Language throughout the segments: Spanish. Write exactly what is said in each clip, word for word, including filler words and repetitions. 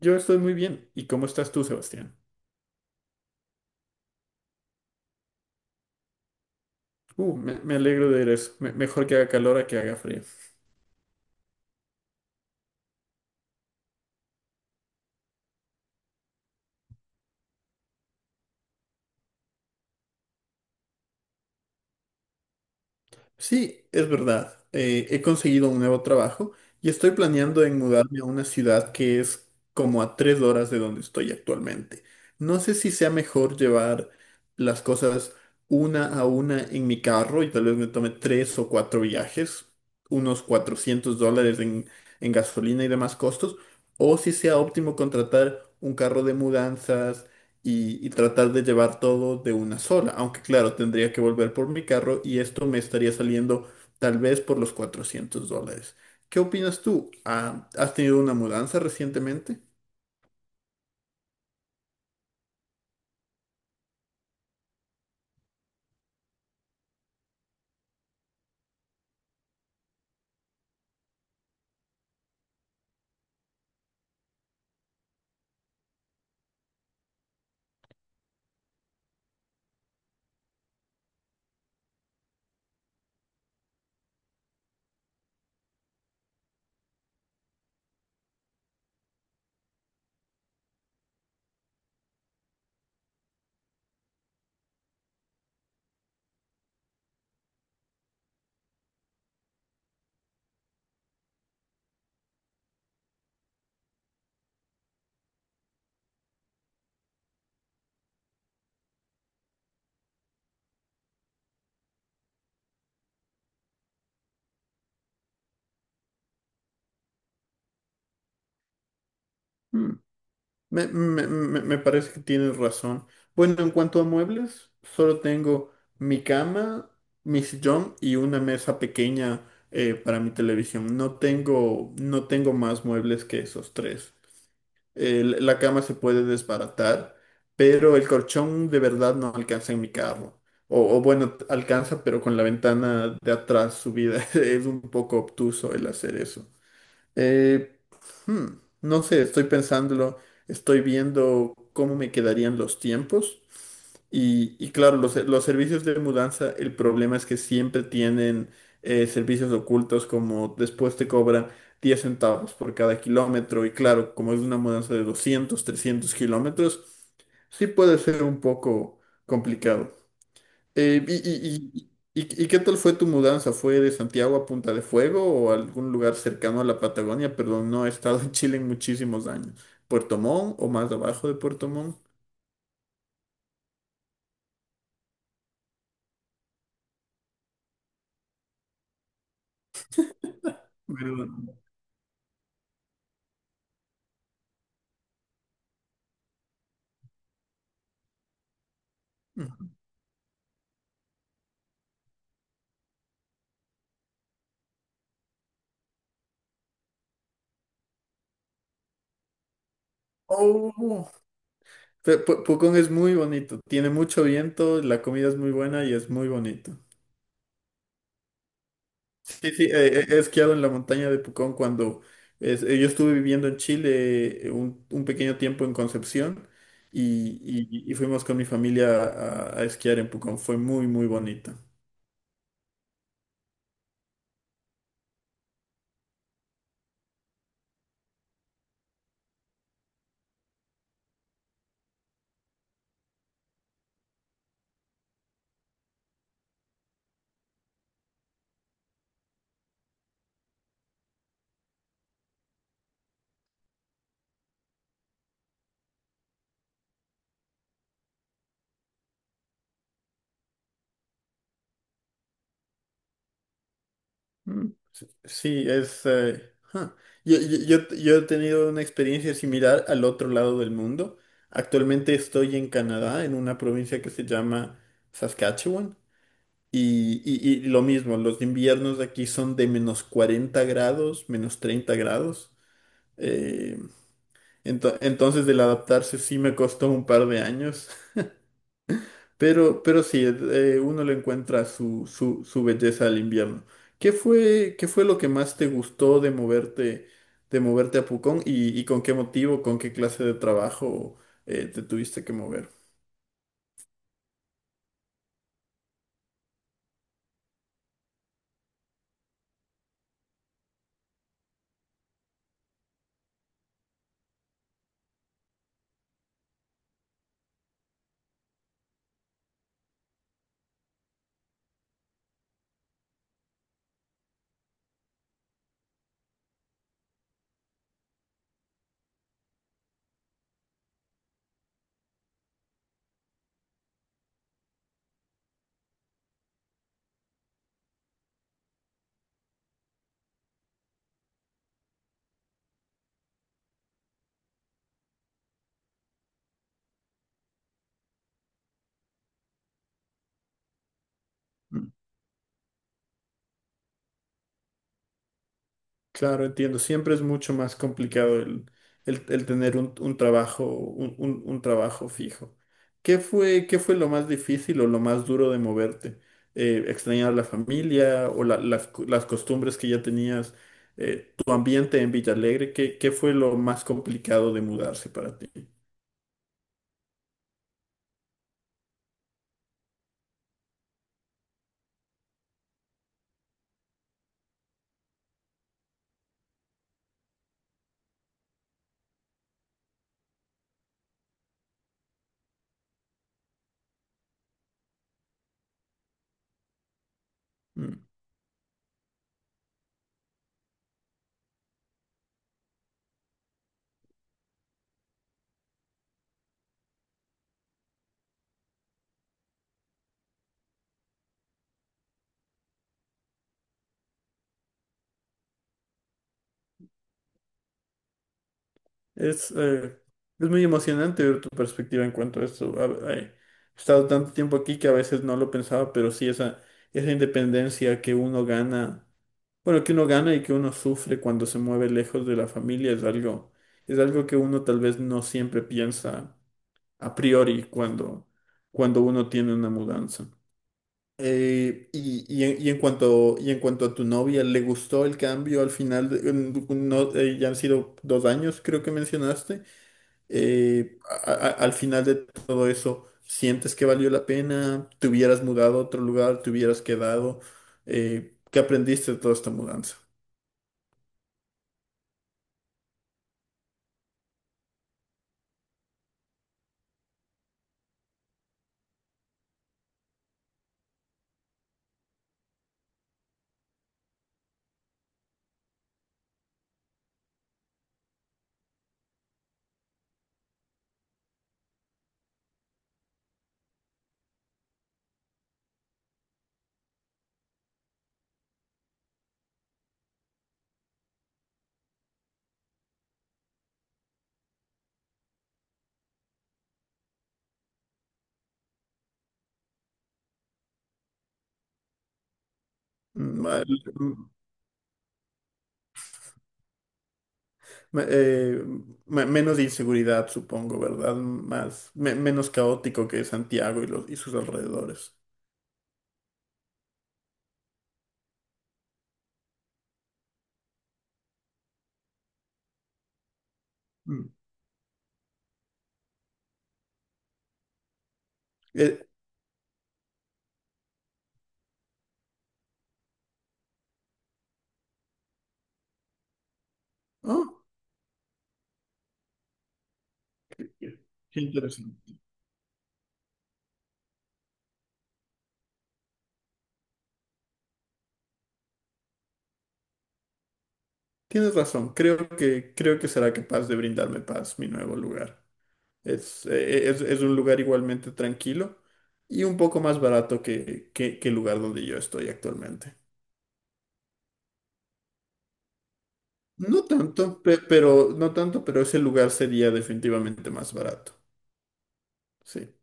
Yo estoy muy bien. ¿Y cómo estás tú, Sebastián? Uh, me, me alegro de ver eso. Me- mejor que haga calor a que haga frío. Sí, es verdad. Eh, he conseguido un nuevo trabajo y estoy planeando en mudarme a una ciudad que es como a tres horas de donde estoy actualmente. No sé si sea mejor llevar las cosas una a una en mi carro y tal vez me tome tres o cuatro viajes, unos cuatrocientos dólares en, en gasolina y demás costos, o si sea óptimo contratar un carro de mudanzas y, y tratar de llevar todo de una sola. Aunque claro, tendría que volver por mi carro y esto me estaría saliendo tal vez por los cuatrocientos dólares. ¿Qué opinas tú? Ah, ¿has tenido una mudanza recientemente? Mm, me, me- me- me parece que tienes razón. Bueno, en cuanto a muebles, solo tengo mi cama, mi sillón y una mesa pequeña eh, para mi televisión. No tengo, no tengo más muebles que esos tres. el- la cama se puede desbaratar, pero el colchón de verdad no alcanza en mi carro. O, o bueno, t- alcanza, pero con la ventana de atrás subida. Es un poco obtuso el hacer eso. Eh, hmm, no sé, estoy pensándolo, estoy viendo cómo me quedarían los tiempos. Y, y claro, los, los servicios de mudanza, el problema es que siempre tienen eh, servicios ocultos como después te cobran diez centavos por cada kilómetro. Y claro, como es una mudanza de doscientos, trescientos kilómetros, sí puede ser un poco complicado. Eh, y, y- y- y- y qué tal fue tu mudanza? ¿Fue de Santiago a Punta de Fuego o algún lugar cercano a la Patagonia? Perdón, no he estado en Chile en muchísimos años. ¿Puerto Montt o más abajo de Puerto Montt? Pero- Oh, Pe- Pu- Pucón es muy bonito, tiene mucho viento, la comida es muy buena y es muy bonito. Sí, sí, eh, eh, he esquiado en la montaña de Pucón cuando es- eh, yo estuve viviendo en Chile eh, un, un pequeño tiempo en Concepción y, y- y fuimos con mi familia a, a esquiar en Pucón. Fue muy, muy bonito. Mm. Sí, sí, es... eh, ja. Yo, yo, yo t- yo he tenido una experiencia similar al otro lado del mundo. Actualmente estoy en Canadá, en una provincia que se llama Saskatchewan. Y, y- y lo mismo, los inviernos de aquí son de menos cuarenta grados, menos treinta grados. Eh, ento- entonces el adaptarse sí me costó un par de años, pero, pero sí, eh, uno le encuentra su, su, su belleza al invierno. ¿Qué fue, ¿qué fue lo que más te gustó de moverte, de moverte a Pucón y, y con qué motivo, con qué clase de trabajo eh, te tuviste que mover? Claro, entiendo. Siempre es mucho más complicado el, el- el tener un, un trabajo, un, un- un trabajo fijo. ¿Qué fue, ¿qué fue lo más difícil o lo más duro de moverte? Eh, ¿extrañar la familia o la- las, co- las costumbres que ya tenías, eh, tu ambiente en Villalegre? ¿Qué, ¿qué fue lo más complicado de mudarse para ti? Mm. Es, eh, es muy emocionante ver tu perspectiva en cuanto a esto. A- a- He estado tanto tiempo aquí que a veces no lo pensaba, pero sí esa, esa independencia que uno gana, bueno, que uno gana y que uno sufre cuando se mueve lejos de la familia es algo, es algo que uno tal vez no siempre piensa a priori cuando, cuando uno tiene una mudanza. Eh, y, y en, y en cuanto, y en cuanto a tu novia, ¿le gustó el cambio al final? De- en- no, eh, Ya han sido dos años, creo que mencionaste eh, a- a- al final de todo eso, ¿sientes que valió la pena? ¿Te hubieras mudado a otro lugar? ¿Te hubieras quedado? Eh, ¿qué aprendiste de toda esta mudanza? Ma- ma- eh, ma- Menos inseguridad, supongo, ¿verdad? Más, me- menos caótico que Santiago y los, y sus alrededores. Mm. Eh, oh, qué interesante. Tienes razón, creo que, creo que será capaz de brindarme paz mi nuevo lugar. Es, eh, es, es un lugar igualmente tranquilo y un poco más barato que, que, que el lugar donde yo estoy actualmente. No tanto, pe- pero, no tanto, pero ese lugar sería definitivamente más barato. Sí.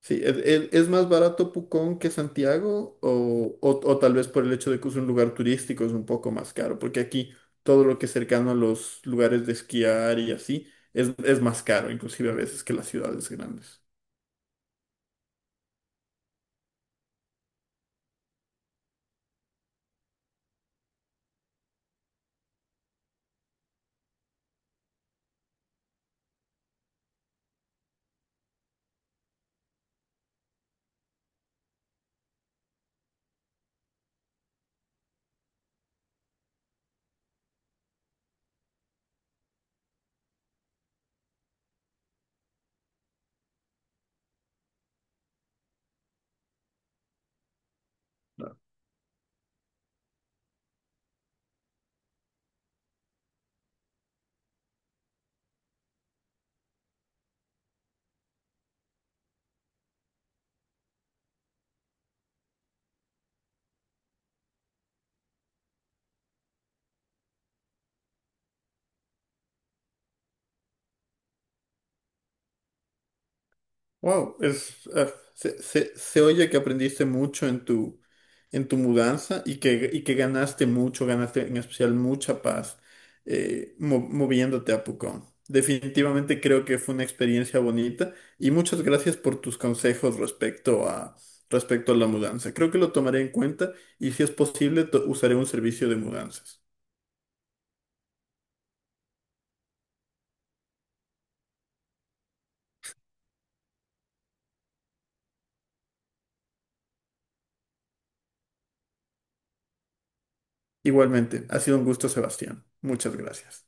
Sí, ¿es, es- es más barato Pucón que Santiago? O, o- o tal vez por el hecho de que es un lugar turístico es un poco más caro, porque aquí todo lo que es cercano a los lugares de esquiar y así es, es más caro, inclusive a veces que las ciudades grandes. Wow, es, ah, se, se- se oye que aprendiste mucho en tu, en tu mudanza y que, y que ganaste mucho, ganaste en especial mucha paz eh, mo- moviéndote a Pucón. Definitivamente creo que fue una experiencia bonita y muchas gracias por tus consejos respecto a, respecto a la mudanza. Creo que lo tomaré en cuenta y si es posible to- usaré un servicio de mudanzas. Igualmente, ha sido un gusto, Sebastián. Muchas gracias.